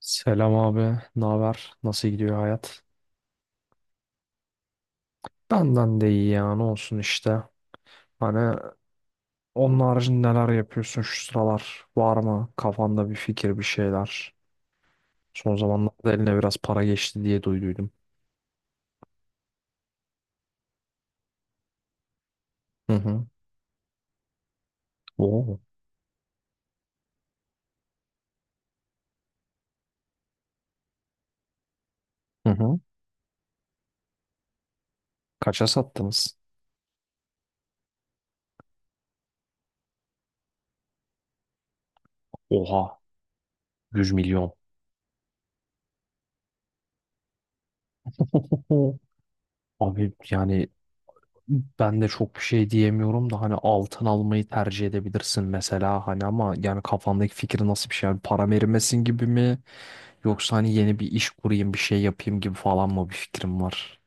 Selam abi, ne haber? Nasıl gidiyor hayat? Benden de iyi ya, ne olsun işte. Hani onun haricinde neler yapıyorsun şu sıralar? Var mı kafanda bir fikir, bir şeyler? Son zamanlarda eline biraz para geçti diye duyduydum. Hı hı. Oo. Hı hı. Kaça sattınız? Oha, 100 milyon. Oho. Abi yani ben de çok bir şey diyemiyorum da hani altın almayı tercih edebilirsin mesela hani, ama yani kafandaki fikri nasıl bir şey? Yani param erimesin gibi mi? Yoksa hani yeni bir iş kurayım, bir şey yapayım gibi falan mı bir fikrim var?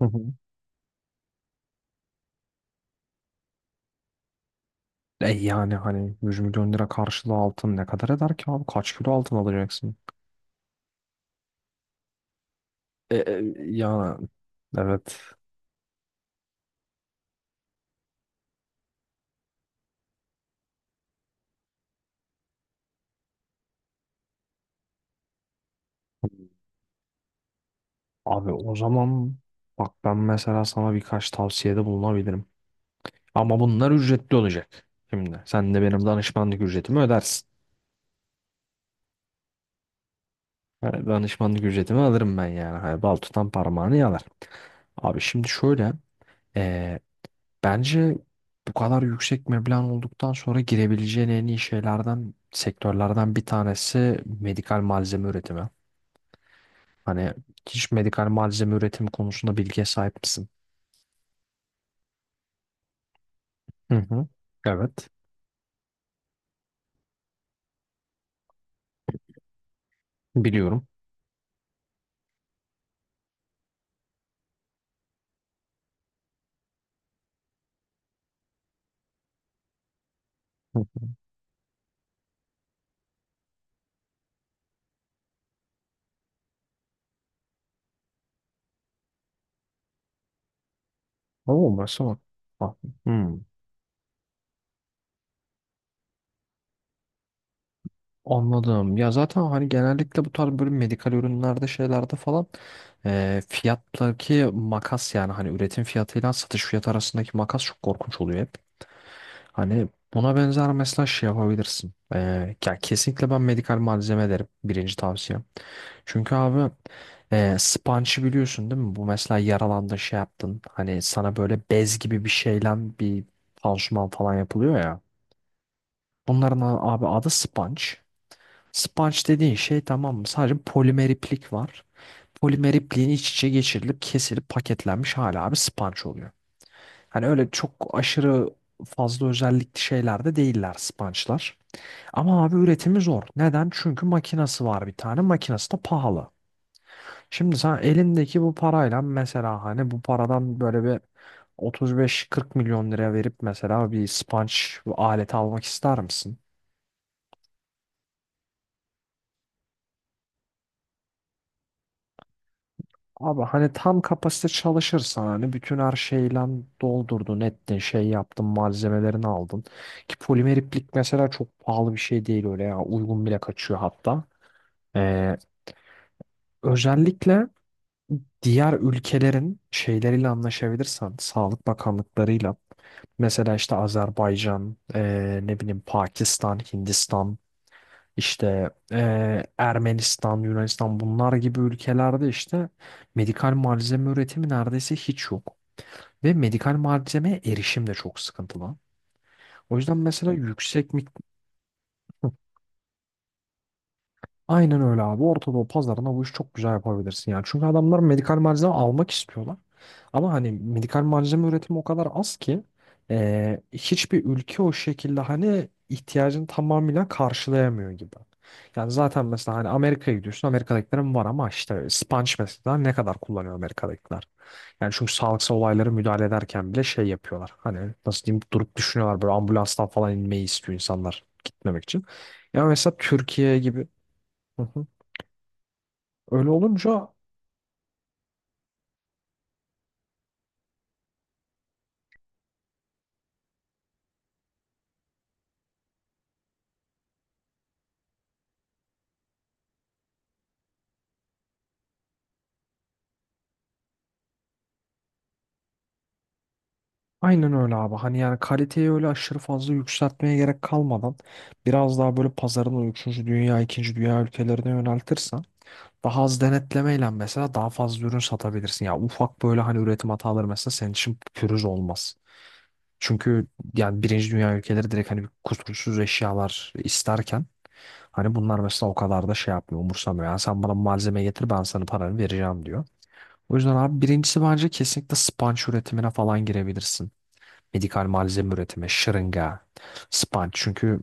Hı hı. E yani hani 100 milyon lira karşılığı altın ne kadar eder ki abi? Kaç kilo altın alacaksın? Yani evet. Abi o zaman bak, ben mesela sana birkaç tavsiyede bulunabilirim. Ama bunlar ücretli olacak. Şimdi sen de benim danışmanlık ücretimi ödersin. Yani danışmanlık ücretimi alırım ben yani. Hani bal tutan parmağını yalar. Abi şimdi şöyle. eee, Bence bu kadar yüksek meblağın olduktan sonra girebileceğin en iyi şeylerden, sektörlerden bir tanesi medikal malzeme üretimi. Hani, hiç medikal malzeme üretimi konusunda bilgiye sahip misin? Hı hı. Evet. Biliyorum. Hı. Oo, mesela. Bak. Hı. Anladım. Ya zaten hani genellikle bu tarz böyle medikal ürünlerde, şeylerde falan fiyattaki makas, yani hani üretim fiyatıyla satış fiyatı arasındaki makas çok korkunç oluyor hep. Hani buna benzer mesela şey yapabilirsin. Ya kesinlikle ben medikal malzeme derim. Birinci tavsiyem. Çünkü abi sponge'ı biliyorsun değil mi? Bu mesela yaralandın, şey yaptın. Hani sana böyle bez gibi bir şeyle bir pansuman falan yapılıyor ya. Bunların abi adı sponge. Sponge dediğin şey, tamam mı? Sadece polimer iplik var. Polimer ipliğin iç içe geçirilip kesilip paketlenmiş hala bir sponge oluyor. Hani öyle çok aşırı fazla özellikli şeyler de değiller sponge'lar. Ama abi üretimi zor. Neden? Çünkü makinası var bir tane. Makinası da pahalı. Şimdi sen elindeki bu parayla, mesela hani bu paradan böyle bir 35-40 milyon lira verip mesela bir sponge aleti almak ister misin? Abi hani tam kapasite çalışırsan, hani bütün her şeyle doldurdun ettin şey yaptın, malzemelerini aldın. Ki polimer iplik mesela çok pahalı bir şey değil, öyle ya, uygun bile kaçıyor hatta. Ee, Özellikle diğer ülkelerin şeyleriyle anlaşabilirsen, sağlık bakanlıklarıyla mesela işte Azerbaycan, ne bileyim, Pakistan, Hindistan, işte Ermenistan, Yunanistan bunlar gibi ülkelerde işte medikal malzeme üretimi neredeyse hiç yok. Ve medikal malzemeye erişim de çok sıkıntılı. O yüzden mesela yüksek miktar. Aynen öyle abi. Orta Doğu pazarına bu işi çok güzel yapabilirsin yani. Çünkü adamlar medikal malzeme almak istiyorlar. Ama hani medikal malzeme üretimi o kadar az ki hiçbir ülke o şekilde hani ihtiyacını tamamıyla karşılayamıyor gibi. Yani zaten mesela hani Amerika'ya gidiyorsun. Amerika'dakilerin var, ama işte sponge mesela ne kadar kullanıyor Amerika'dakiler? Yani çünkü sağlıksal olaylara müdahale ederken bile şey yapıyorlar. Hani nasıl diyeyim, durup düşünüyorlar, böyle ambulanstan falan inmeyi istiyor insanlar gitmemek için. Ya mesela Türkiye gibi. Hı hı. Öyle olunca aynen öyle abi. Hani yani kaliteyi öyle aşırı fazla yükseltmeye gerek kalmadan biraz daha böyle pazarını o 3. dünya, ikinci dünya ülkelerine yöneltirsen daha az denetlemeyle mesela daha fazla ürün satabilirsin. Ya ufak böyle hani üretim hataları mesela senin için pürüz olmaz. Çünkü yani birinci dünya ülkeleri direkt hani kusursuz eşyalar isterken, hani bunlar mesela o kadar da şey yapmıyor, umursamıyor. Yani sen bana malzeme getir, ben sana paranı vereceğim diyor. O yüzden abi birincisi bence kesinlikle spanç üretimine falan girebilirsin. Medikal malzeme üretimi, şırınga, spanç. Çünkü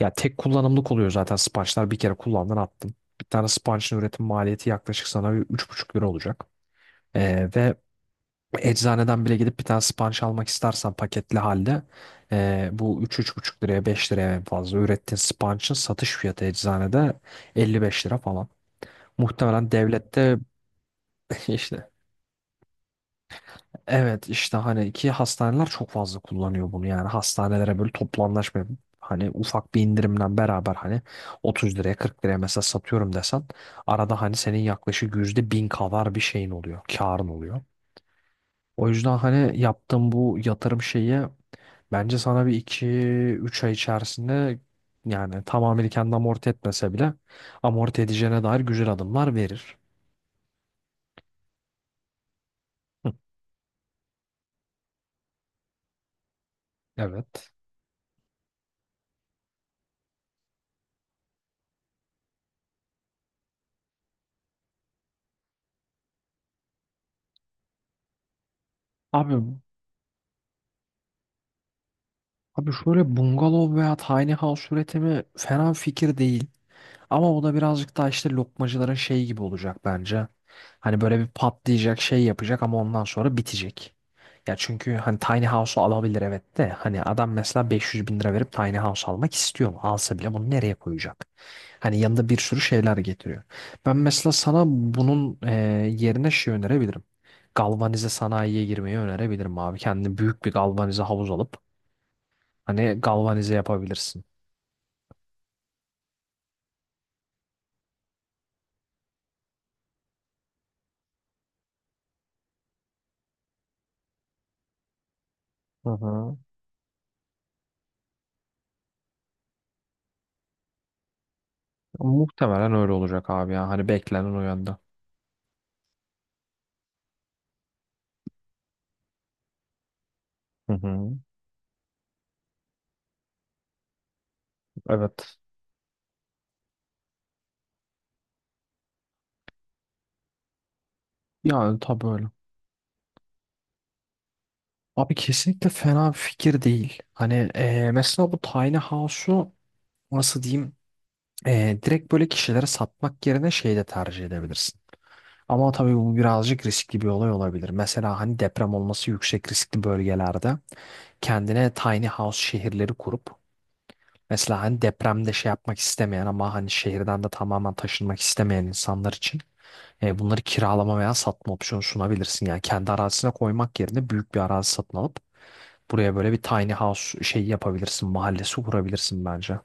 ya tek kullanımlık oluyor zaten spançlar, bir kere kullandın attın. Bir tane spançın üretim maliyeti yaklaşık sana 3,5 lira olacak. Ve eczaneden bile gidip bir tane spanç almak istersen paketli halde bu 3,5 liraya, 5 liraya en fazla ürettiğin spançın satış fiyatı eczanede 55 lira falan. Muhtemelen devlette işte. Evet, işte hani ki hastaneler çok fazla kullanıyor bunu, yani hastanelere böyle toplu anlaşma yapıp hani ufak bir indirimle beraber hani 30 liraya, 40 liraya mesela satıyorum desen arada hani senin yaklaşık %1000 kadar bir şeyin oluyor, karın oluyor. O yüzden hani yaptığım bu yatırım şeyi bence sana bir iki üç ay içerisinde, yani tamamını kendi amorti etmese bile, amorti edeceğine dair güzel adımlar verir. Hı. Evet. Abi Abi şöyle, bungalov veya tiny house üretimi fena fikir değil. Ama o da birazcık daha işte lokmacıların şey gibi olacak bence. Hani böyle bir patlayacak, şey yapacak ama ondan sonra bitecek. Ya çünkü hani tiny house'u alabilir evet de hani adam mesela 500 bin lira verip tiny house almak istiyor mu? Alsa bile bunu nereye koyacak? Hani yanında bir sürü şeyler getiriyor. Ben mesela sana bunun yerine şey önerebilirim. Galvanize sanayiye girmeyi önerebilirim abi. Kendine büyük bir galvanize havuz alıp hani galvanize yapabilirsin. Hı hı. Muhtemelen öyle olacak abi ya. Hani beklenen o yönde. Hı hı. Evet. Yani tabii öyle. Abi kesinlikle fena bir fikir değil. Hani mesela bu tiny house'u nasıl diyeyim, direkt böyle kişilere satmak yerine şey de tercih edebilirsin. Ama tabii bu birazcık riskli bir olay olabilir. Mesela hani deprem olması yüksek riskli bölgelerde kendine tiny house şehirleri kurup mesela hani depremde şey yapmak istemeyen ama hani şehirden de tamamen taşınmak istemeyen insanlar için bunları kiralama veya satma opsiyonu sunabilirsin. Yani kendi arazisine koymak yerine büyük bir arazi satın alıp buraya böyle bir tiny house şeyi yapabilirsin. Mahallesi kurabilirsin bence.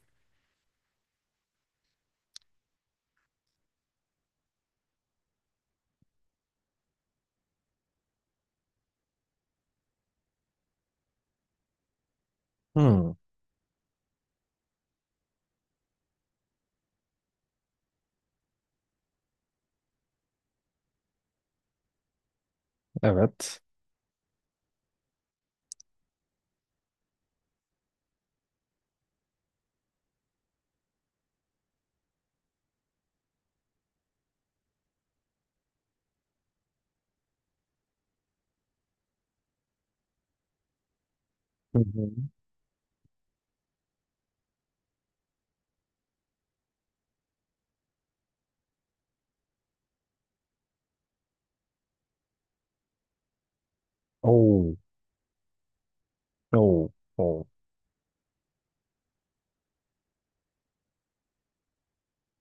Hmm, evet. Hı hı. Oo, oo, oo.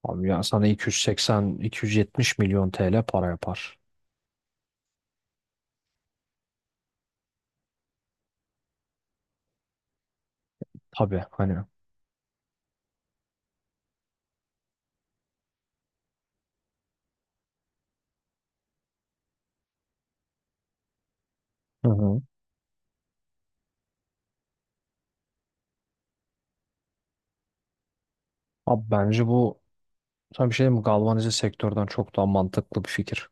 Abi yani sana 280-270 milyon TL para yapar. Tabii hani. Hı hı. Abi bence bu, sana bir şey diyeyim mi? Galvanize sektörden çok daha mantıklı bir fikir.